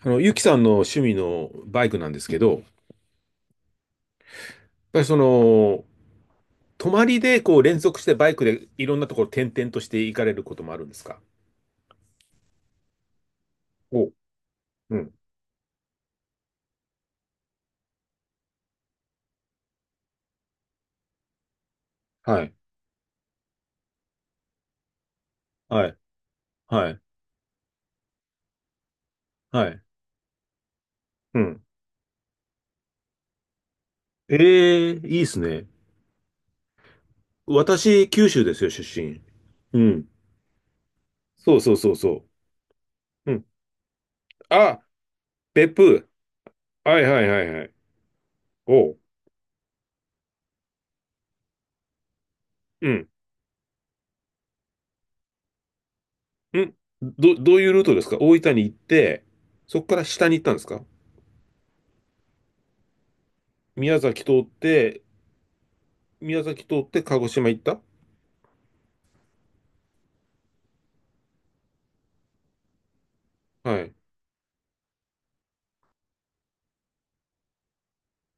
ゆきさんの趣味のバイクなんですけど、やっぱり泊まりでこう連続してバイクでいろんなところ転々として行かれることもあるんですか？お、うん。はい。はい。はい。はい。うん。ええ、いいですね。私、九州ですよ、出身。うん。そうそうそうそう。うん。あ、別府。はいはいはいはい。おう、うん。うん。どういうルートですか？大分に行って、そこから下に行ったんですか？宮崎通って、宮崎通って鹿児島行った？はい。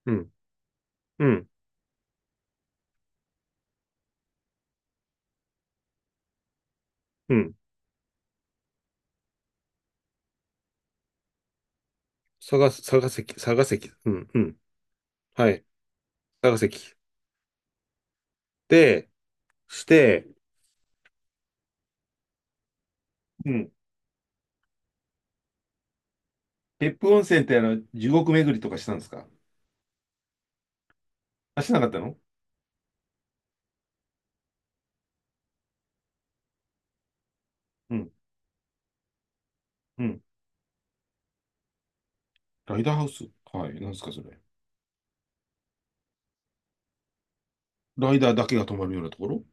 うん。うん。うん。佐賀関、佐賀関。うん。うん。はい。佐賀関。で、して、うん。別府温泉って地獄巡りとかしたんですか？あ、しなかったの？うん。うん。ライダーハウス、はい。なんですか、それ？ライダーだけが泊まるようなところ？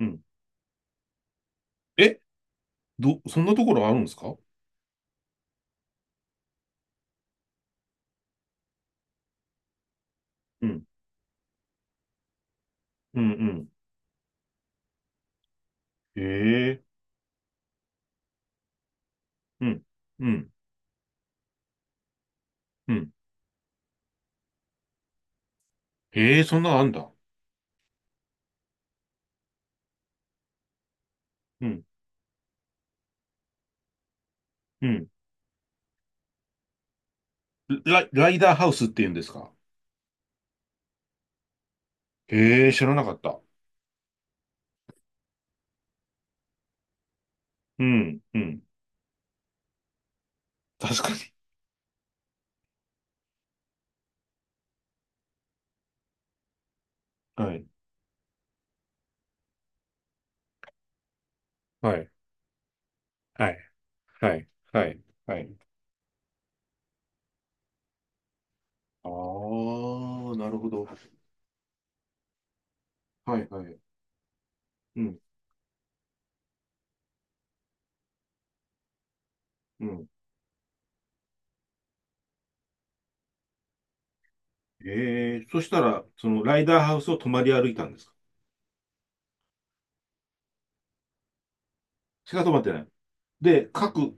うん。え、そんなところあるんですか？うん。うん、うん。へえ。うん。うん。うん。へえ、そんなのあんだ。うん。うん。ライダーハウスって言うんですか？へえ、知らなかった。うん、うん。確かに。はい。はい、はい、はい、はい、はい。ああ、なるほど。はいはい。うん、うん。ええ、そしたら、そのライダーハウスを泊まり歩いたんですか？しか泊まってない。で、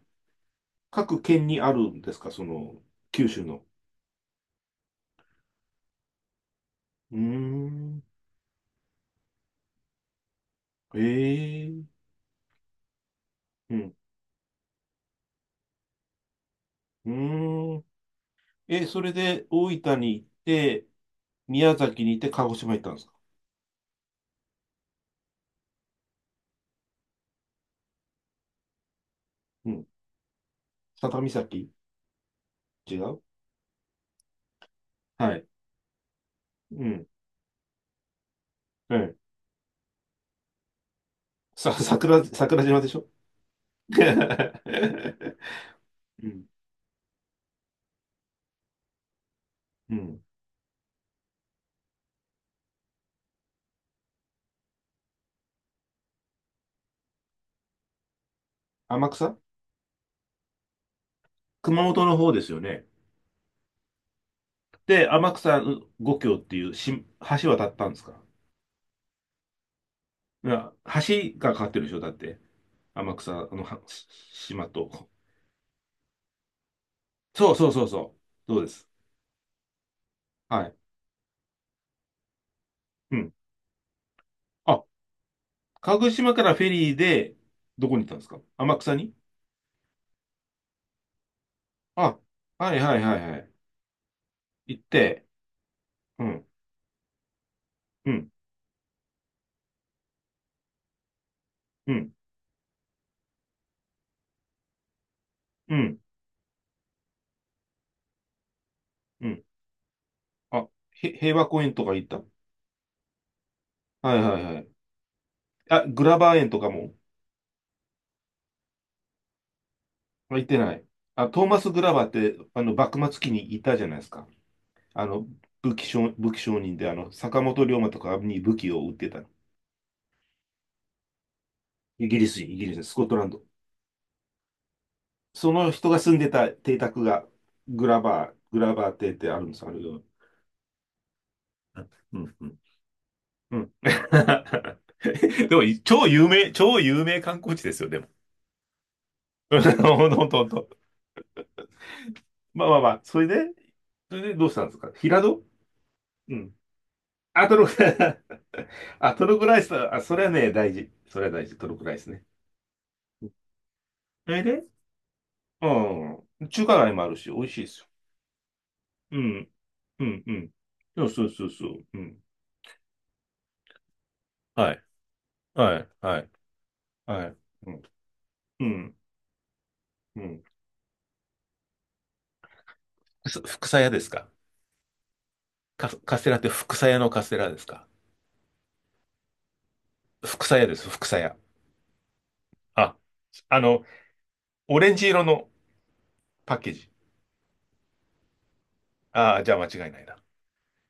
各県にあるんですか、その、九州の？うーん。ええ。うん。うーん。え、それで大分に行って、宮崎に行って鹿児島行ったんですか？うん。佐多岬？違う？はい。うん。ええ。桜島でしょ？ うん。うん。天草。熊本の方ですよね。で、天草五橋っていう橋渡ったんですか？いや、橋がかかってるでしょ、だって。天草のはし、島と。そうそうそうそう。そうです。はい。うん。あ、鹿児島からフェリーで、どこに行ったんですか、天草に？あ、はいはいはいはい。行って、うん、うん、うん、うん、うん。あ、平和公園とか行った？はいはいはい。あ、グラバー園とかも？行ってない？あ、トーマス・グラバーって、幕末期にいたじゃないですか。あの、武器商人で、坂本龍馬とかに武器を売ってた。イギリス人、イギリス人、スコットランド。その人が住んでた邸宅が、グラバー邸ってあるんです、あるよ。うん、うん、うん。でも、超有名、超有名観光地ですよ、でも。ほんとほんとほんと。まあまあまあ、それでどうしたんですか、平戸？うん。あ、トルコ、あ、トルコライスだ、あ、それはね、大事。それは大事、トルコライスね。それで、うん、中華街もあるし、美味しいですよ。うん、うん、うん。そうそうそうそう。うん。はい、はい、はい、はい。うん、うん、うん。福鞘屋ですか？カステラって福鞘屋のカステラですか？福鞘屋です、福鞘屋。あ、あの、オレンジ色のパッケージ。ああ、じゃあ間違いないな。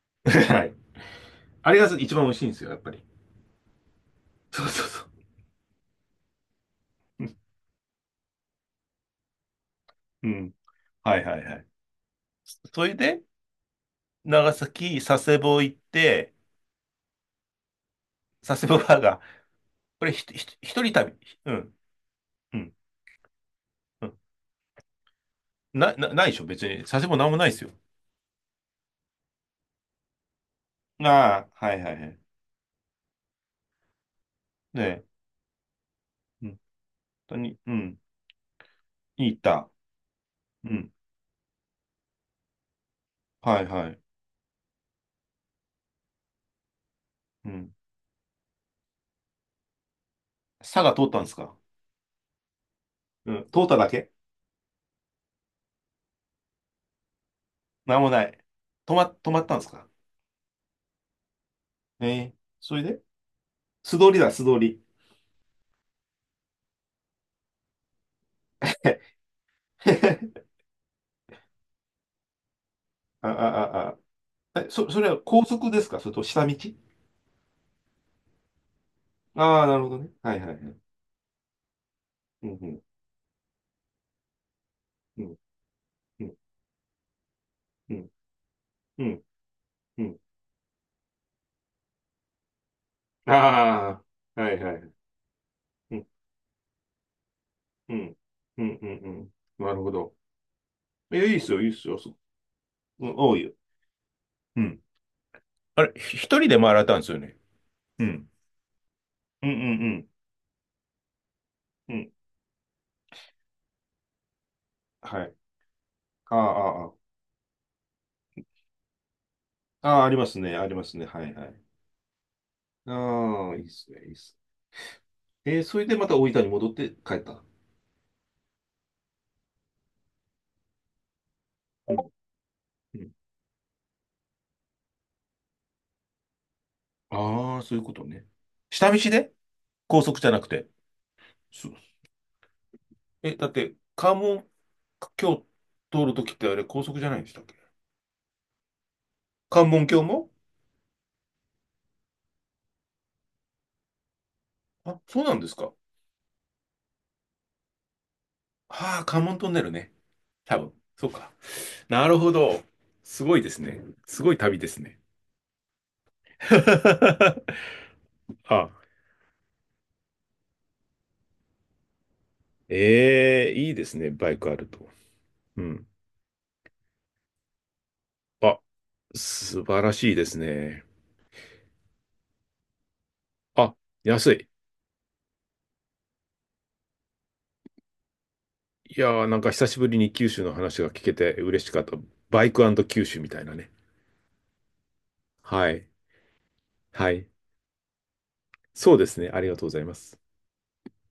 はい。あれが一番美味しいんですよ、やっぱり。そうそうそう。うん。うん。はいはいはい。それで、長崎、佐世保行って、佐世保バーガー。これひと、ひと一人旅？うん、うん、うん。ないでしょ、別に。佐世保なんもないですよ。ああ、はいはいはい。ね、うん、本当に、うん、いいった。うん、はいはい。うん。佐賀通ったんですか？うん、通っただけ？なんもない。止まったんですか？ええ。それで素通りだ、素通り。あ、あ、あ、あ。え、それは高速ですか、それと下道？ああ、なるほどね。はいはいはい。うん、うん、うん。うん、うん、うん。ああ、はいはい。うん、うん、うん、うん、うん。なるほど。いや、いいっすよ、いいっすよ。うん、多いよ。うん。あれ、一人で回られたんですよね。うん、うん、うん、うん。うん。はい。ああ、ああ、ああ、ありますね、ありますね。はいはい。ああ、いいっすね、いいっす。それでまた大分に戻って帰った。うん、うん。ああ、そういうことね。下道で、高速じゃなくて。そう。え、だって、関門橋通るときってあれ、高速じゃないんでしたっけ？関門橋も？あ、そうなんですか。ああ、関門トンネルね。多分。そうか。なるほど。すごいですね。すごい旅ですね。あ、ええ、いいですね。バイクあると。うん。あ、素晴らしいですね。あ、安い。いやー、なんか久しぶりに九州の話が聞けて嬉しかった。バイク九州みたいなね。はい。はい。そうですね。ありがとうございます。